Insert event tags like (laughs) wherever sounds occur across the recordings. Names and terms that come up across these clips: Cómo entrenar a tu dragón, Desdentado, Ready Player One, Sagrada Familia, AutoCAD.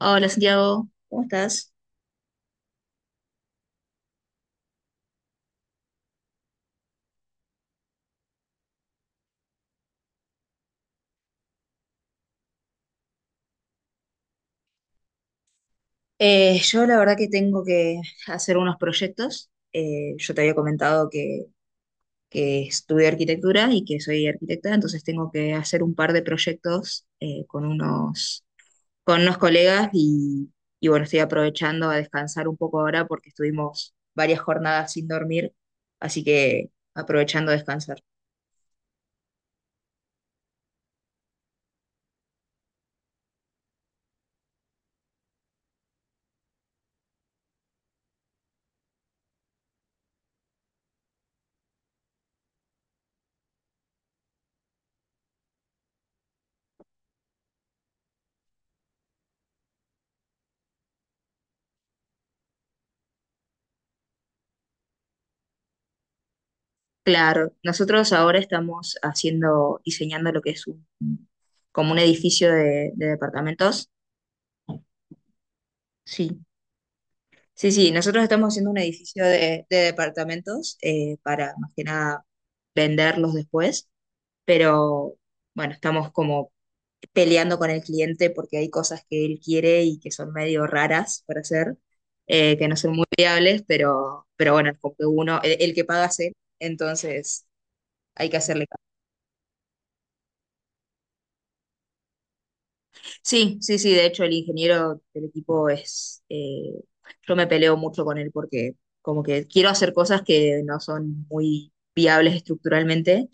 Hola Santiago, ¿cómo estás? Yo la verdad que tengo que hacer unos proyectos. Yo te había comentado que estudié arquitectura y que soy arquitecta, entonces tengo que hacer un par de proyectos con unos colegas y bueno, estoy aprovechando a descansar un poco ahora porque estuvimos varias jornadas sin dormir, así que aprovechando a descansar. Claro, nosotros ahora estamos haciendo, diseñando lo que es como un edificio de departamentos. Sí, sí, sí, nosotros estamos haciendo un edificio de departamentos para más que nada venderlos después, pero bueno, estamos como peleando con el cliente porque hay cosas que él quiere y que son medio raras para hacer, que no son muy viables, pero bueno, como que uno, el que paga es él, entonces hay que hacerle. Sí, sí, sí, de hecho el ingeniero del equipo yo me peleo mucho con él porque como que quiero hacer cosas que no son muy viables estructuralmente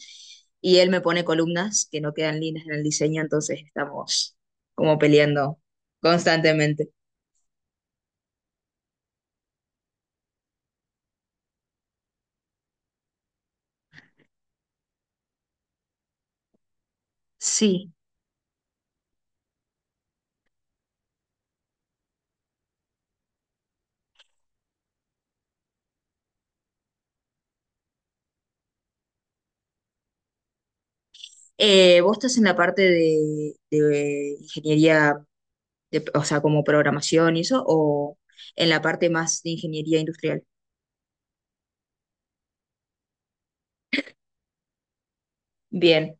y él me pone columnas que no quedan líneas en el diseño, entonces estamos como peleando constantemente. Sí. Vos estás en la parte de ingeniería, de, o sea, como programación y eso, o en la parte más de ingeniería industrial. Bien,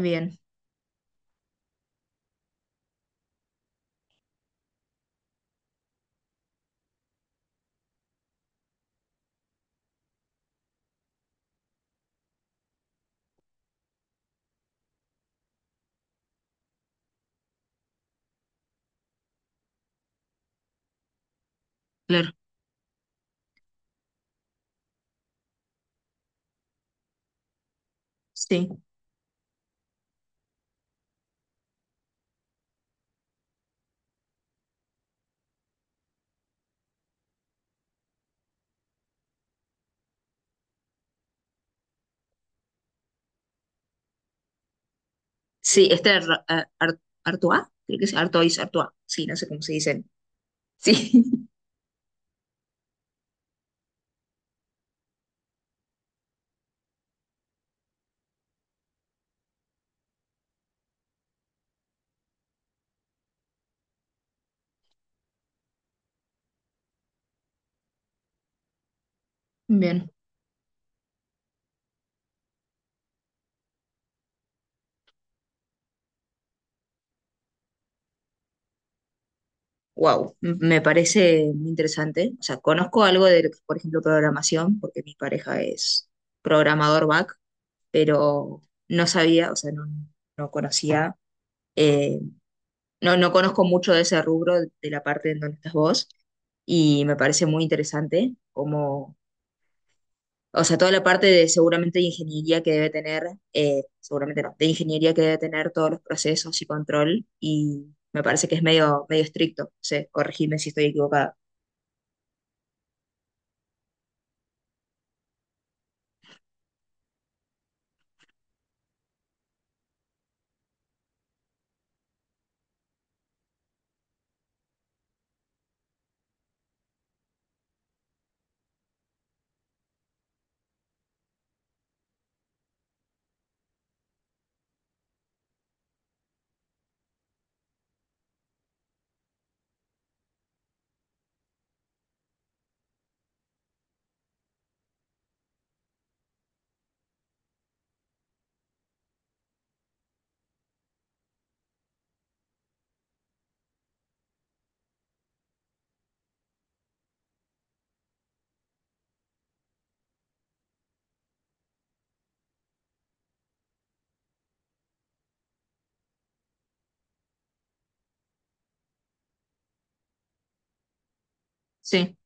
bien, claro, sí. Sí, este Artois, creo que es Artois, Artois. Sí, no sé cómo se dicen. Sí. (laughs) Bien. Wow, me parece muy interesante. O sea, conozco algo de, por ejemplo, programación, porque mi pareja es programador back, pero no sabía, o sea, no, no, conocía, eh, no conozco mucho de ese rubro, de la parte en donde estás vos, y me parece muy interesante cómo. O sea, toda la parte de seguramente de ingeniería que debe tener, seguramente no, de ingeniería que debe tener todos los procesos y control, y me parece que es medio, medio estricto, no sé, corregirme si estoy equivocada. Sí,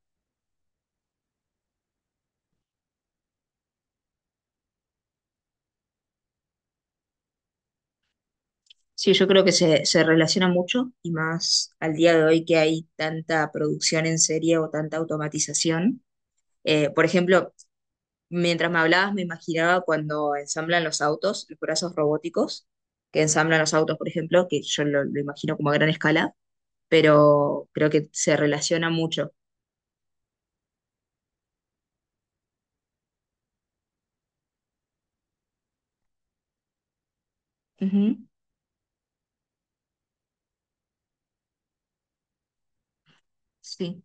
sí, yo creo que se relaciona mucho, y más al día de hoy que hay tanta producción en serie o tanta automatización. Por ejemplo, mientras me hablabas, me imaginaba cuando ensamblan los autos, los brazos robóticos, que ensamblan los autos, por ejemplo, que yo lo imagino como a gran escala, pero creo que se relaciona mucho. Ujú. Sí,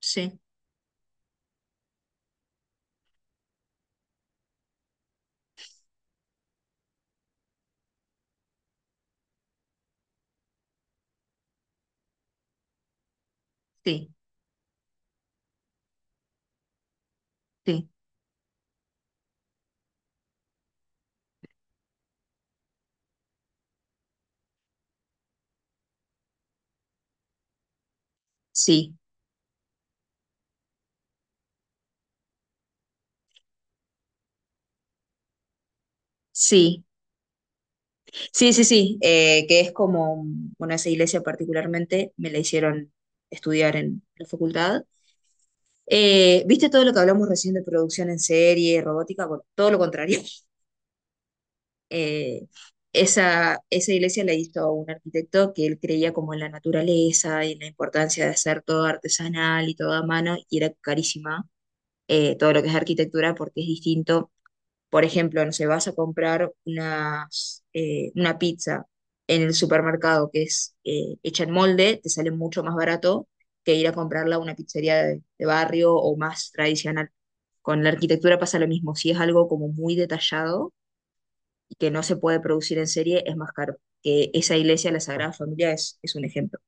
sí, sí, sí, sí, sí, sí, sí, sí, que es como, bueno, esa iglesia particularmente me la hicieron estudiar en la facultad. ¿Viste todo lo que hablamos recién de producción en serie, robótica? Bueno, todo lo contrario. (laughs) Eh, esa iglesia la hizo un arquitecto que él creía como en la naturaleza y en la importancia de hacer todo artesanal y todo a mano, y era carísima todo lo que es arquitectura porque es distinto. Por ejemplo, no sé, vas a comprar una pizza en el supermercado que es hecha en molde, te sale mucho más barato que ir a comprarla a una pizzería de barrio o más tradicional. Con la arquitectura pasa lo mismo, si es algo como muy detallado y que no se puede producir en serie, es más caro. Que esa iglesia, la Sagrada Familia, es un ejemplo.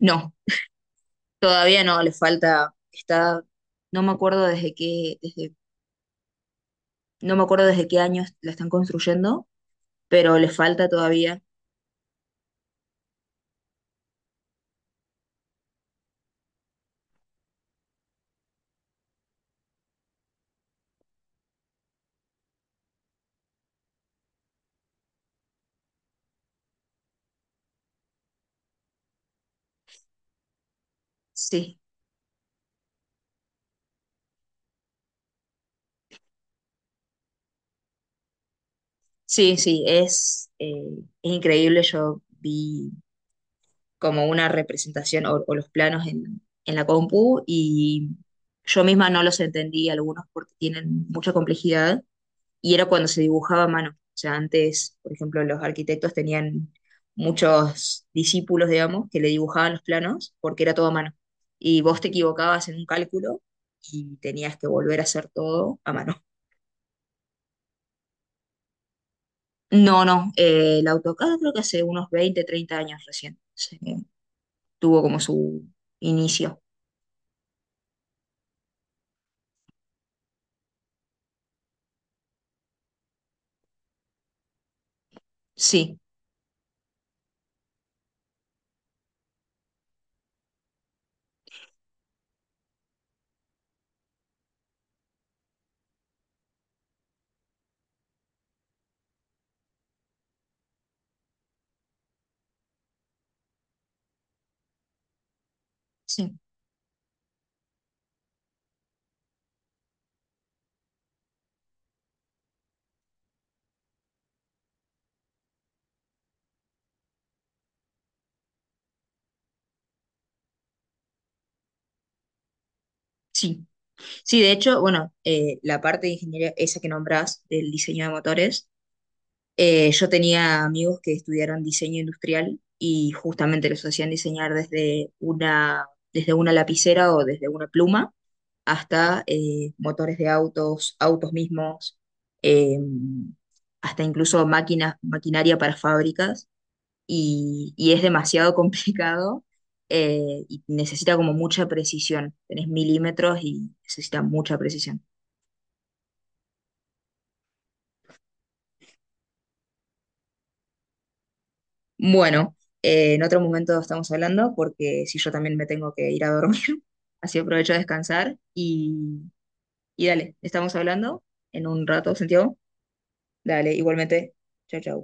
No, todavía no, le falta, está, no me acuerdo desde qué, desde No me acuerdo desde qué años la están construyendo, pero le falta todavía. Sí, sí, sí, es increíble. Yo vi como una representación o los planos en la compu y yo misma no los entendí algunos porque tienen mucha complejidad y era cuando se dibujaba a mano. O sea, antes, por ejemplo, los arquitectos tenían muchos discípulos, digamos, que le dibujaban los planos porque era todo a mano. Y vos te equivocabas en un cálculo y tenías que volver a hacer todo a mano. No, no, el AutoCAD creo que hace unos 20, 30 años tuvo como su inicio. Sí, sí, sí. Sí, de hecho, bueno, la parte de ingeniería, esa que nombrás del diseño de motores. Yo tenía amigos que estudiaron diseño industrial y justamente los hacían diseñar desde una lapicera o desde una pluma hasta motores de autos, autos mismos, eh, hasta incluso máquinas, maquinaria para fábricas y es demasiado (laughs) complicado y necesita como mucha precisión. Tenés milímetros y necesita mucha precisión. Bueno, en otro momento estamos hablando porque si yo también me tengo que ir a dormir, así aprovecho a descansar y dale, estamos hablando en un rato, Santiago. Dale, igualmente. Chao, chao.